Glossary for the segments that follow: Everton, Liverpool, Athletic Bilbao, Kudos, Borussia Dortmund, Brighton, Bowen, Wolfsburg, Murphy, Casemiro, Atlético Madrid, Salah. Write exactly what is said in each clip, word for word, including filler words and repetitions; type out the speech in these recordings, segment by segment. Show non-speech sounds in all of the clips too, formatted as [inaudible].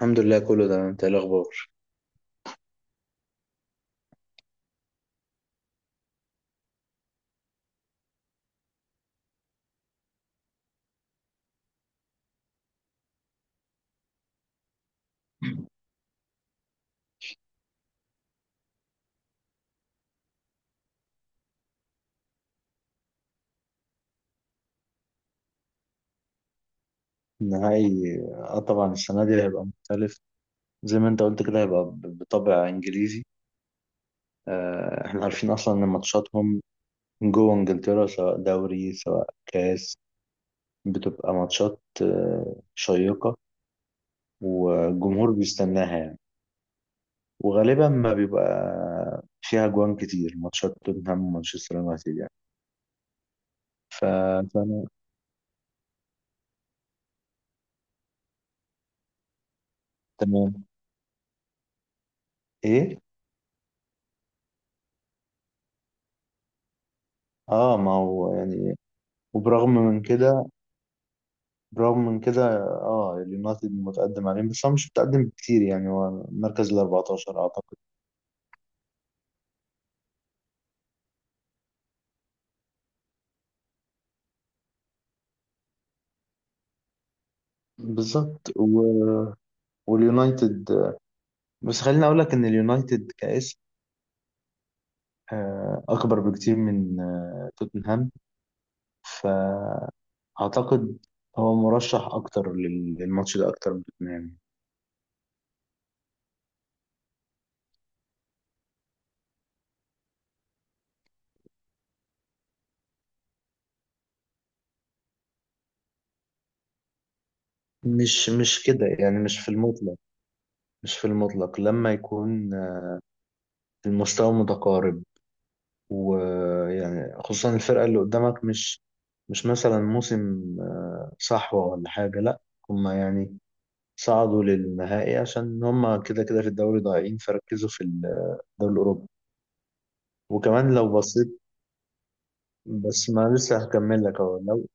الحمد لله كله تمام. انت ايه الاخبار؟ النهائي اه طبعا السنة دي هيبقى مختلف. زي ما انت قلت كده هيبقى ب- بطابع انجليزي. آه، احنا عارفين اصلا ان ماتشاتهم جوه انجلترا، سواء دوري سواء كاس، بتبقى ماتشات آه، شيقة، والجمهور بيستناها يعني. وغالبا ما بيبقى فيها جوان كتير، ماتشات توتنهام ومانشستر يونايتد يعني. ف- فانا تمام. ايه اه ما هو يعني. وبرغم من كده برغم من كده اه اليونايتد متقدم عليهم، بس هو مش متقدم بكتير يعني، هو المركز ال أربعة عشر اعتقد. بالظبط و... واليونايتد، بس خليني اقول لك ان اليونايتد كاسم آه، اكبر بكتير من آه، توتنهام، فاعتقد هو مرشح اكتر لل- للماتش ده اكتر من توتنهام. مش مش كده يعني، مش في المطلق. مش في المطلق لما يكون آه، المستوى متقارب، ويعني خصوصا الفرقة اللي قدامك مش مش مثلا موسم آه، صحوة ولا حاجة، لا. هما يعني صعدوا للنهائي عشان هما كده كده في الدوري ضايعين، فركزوا في الدوري الأوروبي. وكمان لو بصيت، بس ما لسه هكمل لك اهو. لو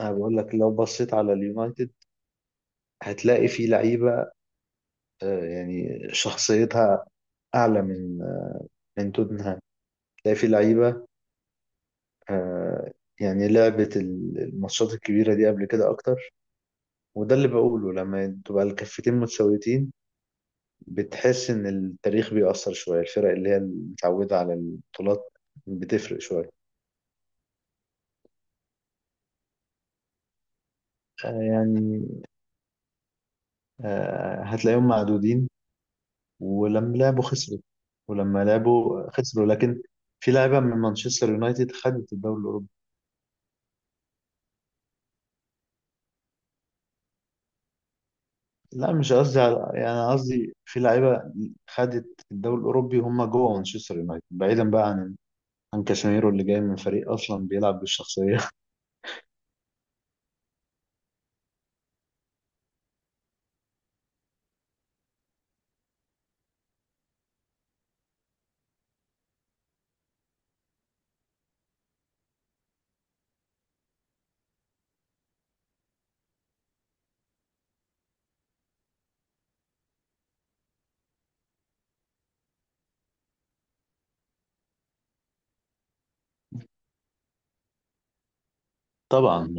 أنا بقول لك لو بصيت على اليونايتد هتلاقي في لعيبة آه، يعني شخصيتها أعلى من آه، من توتنهام. هتلاقي في لعيبة آه، يعني لعبت الماتشات الكبيرة دي قبل كده أكتر. وده اللي بقوله، لما تبقى الكفتين متساويتين، بتحس ان التاريخ بيأثر شوية، الفرق اللي هي متعودة على البطولات بتفرق شوية، آه، يعني، آه، هتلاقيهم معدودين. ولما لعبوا خسروا. ولما لعبوا خسروا لكن في لعيبة من مانشستر يونايتد خدت الدوري الأوروبي. لا مش قصدي، على يعني، قصدي في لعيبة خدت الدوري الأوروبي وهم جوه مانشستر يونايتد، بعيدا بقى عن عن كاسيميرو اللي جاي من فريق أصلا بيلعب بالشخصية. [laughs] طبعا.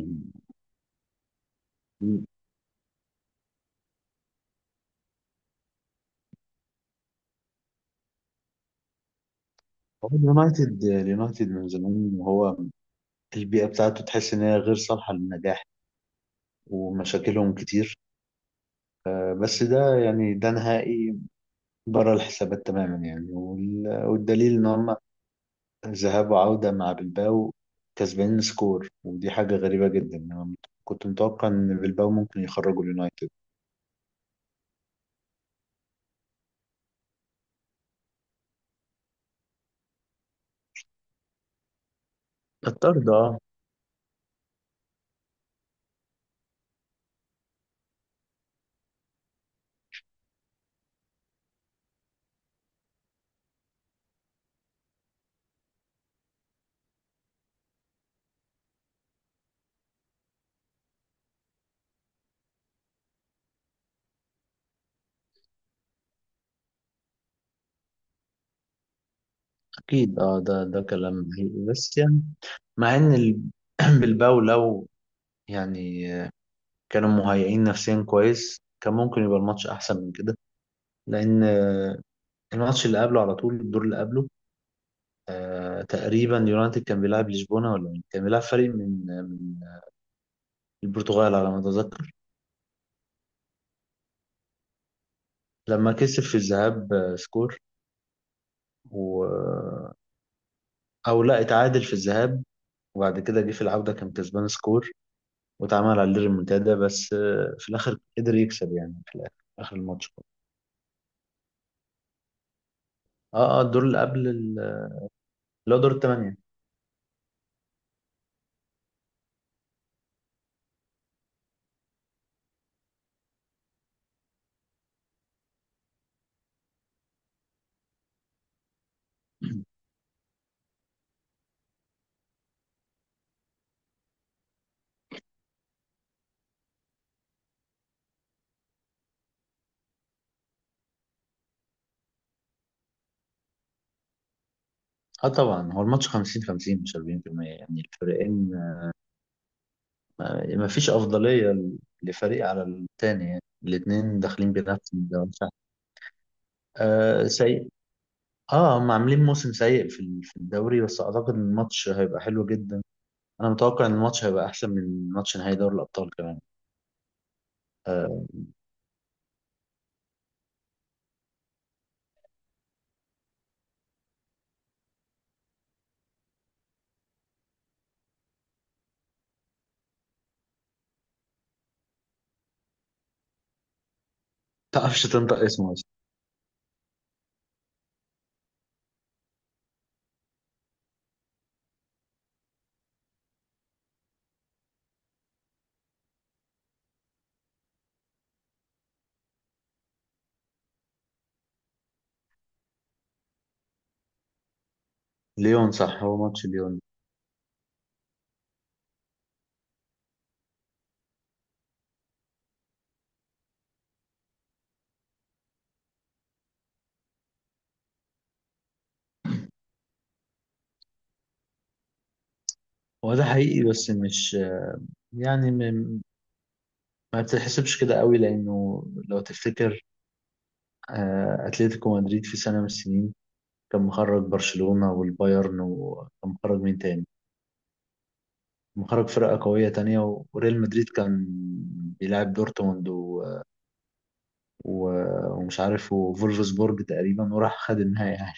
هو اليونايتد اليونايتد من زمان، وهو البيئة بتاعته تحس إن هي غير صالحة للنجاح، ومشاكلهم كتير. بس ده يعني ده نهائي بره الحسابات تماما يعني، وال- والدليل إن هم ذهاب وعودة مع بلباو كسبانين سكور، ودي حاجة غريبة جدا. أنا كنت متوقع إن بلباو ممكن يخرجوا اليونايتد. الطرد اه. أكيد اه، ده ده كلام حقيقي بس يعني، مع إن ال- [clears throat] بلباو لو يعني كانوا مهيئين نفسيا كويس كان ممكن يبقى الماتش احسن من كده، لان آه، الماتش اللي قبله، على طول الدور اللي قبله، آه، تقريبا يونايتد كان بيلعب لشبونه ولا مين، كان بيلعب فريق من من البرتغال على ما اتذكر. لما كسب في الذهاب آه، سكور و... او لا، اتعادل في الذهاب، وبعد كده جه في العودة كان كسبان سكور واتعمل عليه ريمونتادا، بس آه، في الآخر قدر يكسب يعني، في الآخر آخر الماتش. اه اه الدور اللي قبل ال- اللي هو دور الثمانية. اه طبعا هو الماتش خمسين خمسين مش أربعين في المية، يعني الفريقين ما ما فيش افضليه ل- لفريق على التاني يعني، الاثنين داخلين بنفس الدوري. آه سيء. اه هم عاملين موسم سيء في ال- في الدوري، بس اعتقد ان الماتش هيبقى حلو جدا. انا متوقع ان الماتش هيبقى احسن من ماتش نهائي دوري الابطال كمان. آه تعرفش تنطق اسمه اصلا. ليون صح، هو ماتش ليون. هو ده حقيقي بس مش يعني م- ما بتتحسبش كده قوي، لانه لو تفتكر آه، اتلتيكو مدريد في سنه من السنين كان مخرج برشلونة والبايرن، وكان مخرج مين تاني، مخرج فرقة قوية تانية، و- وريال مدريد كان بيلعب دورتموند و... و... ومش عارف، وفولفسبورج تقريبا، وراح خد النهائي يعني.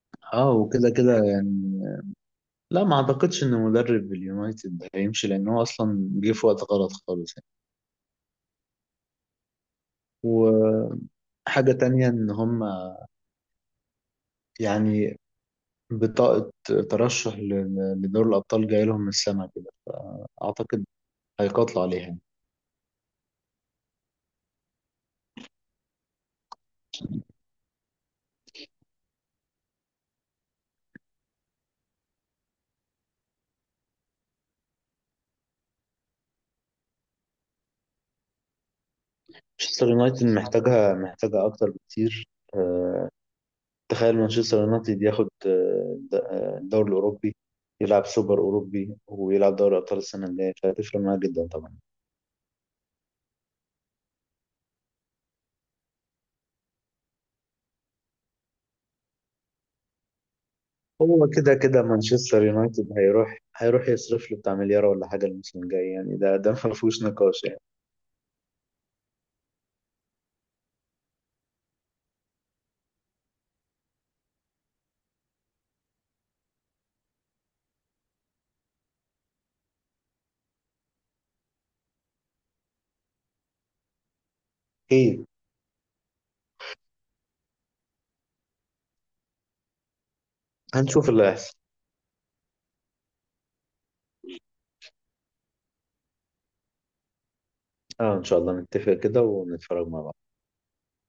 [laughs] اه وكده كده يعني لا، ما اعتقدش ان مدرب اليونايتد هيمشي، لان هو اصلا جه في وقت غلط خالص يعني. وحاجة تانية ان هم يعني بطاقة ترشح ل- ل- لدور الأبطال جاي لهم من السما كده، فأعتقد هيقاتلوا عليها يعني. مانشستر يونايتد محتاجها، محتاجها أكتر بكتير. آه، تخيل مانشستر يونايتد ياخد آه، د- آه، الدوري الأوروبي، يلعب سوبر أوروبي ويلعب دوري أبطال السنة اللي جاية، فهتفرق معاه جدا طبعا. هو كده كده مانشستر يونايتد هيروح هيروح يصرف له بتاع مليار ولا حاجة الموسم الجاي يعني، ده ده ما فيهوش نقاش يعني. أكيد. هنشوف اللي هيحصل. اه ان شاء الله نتفق كده ونتفرج مع بعض.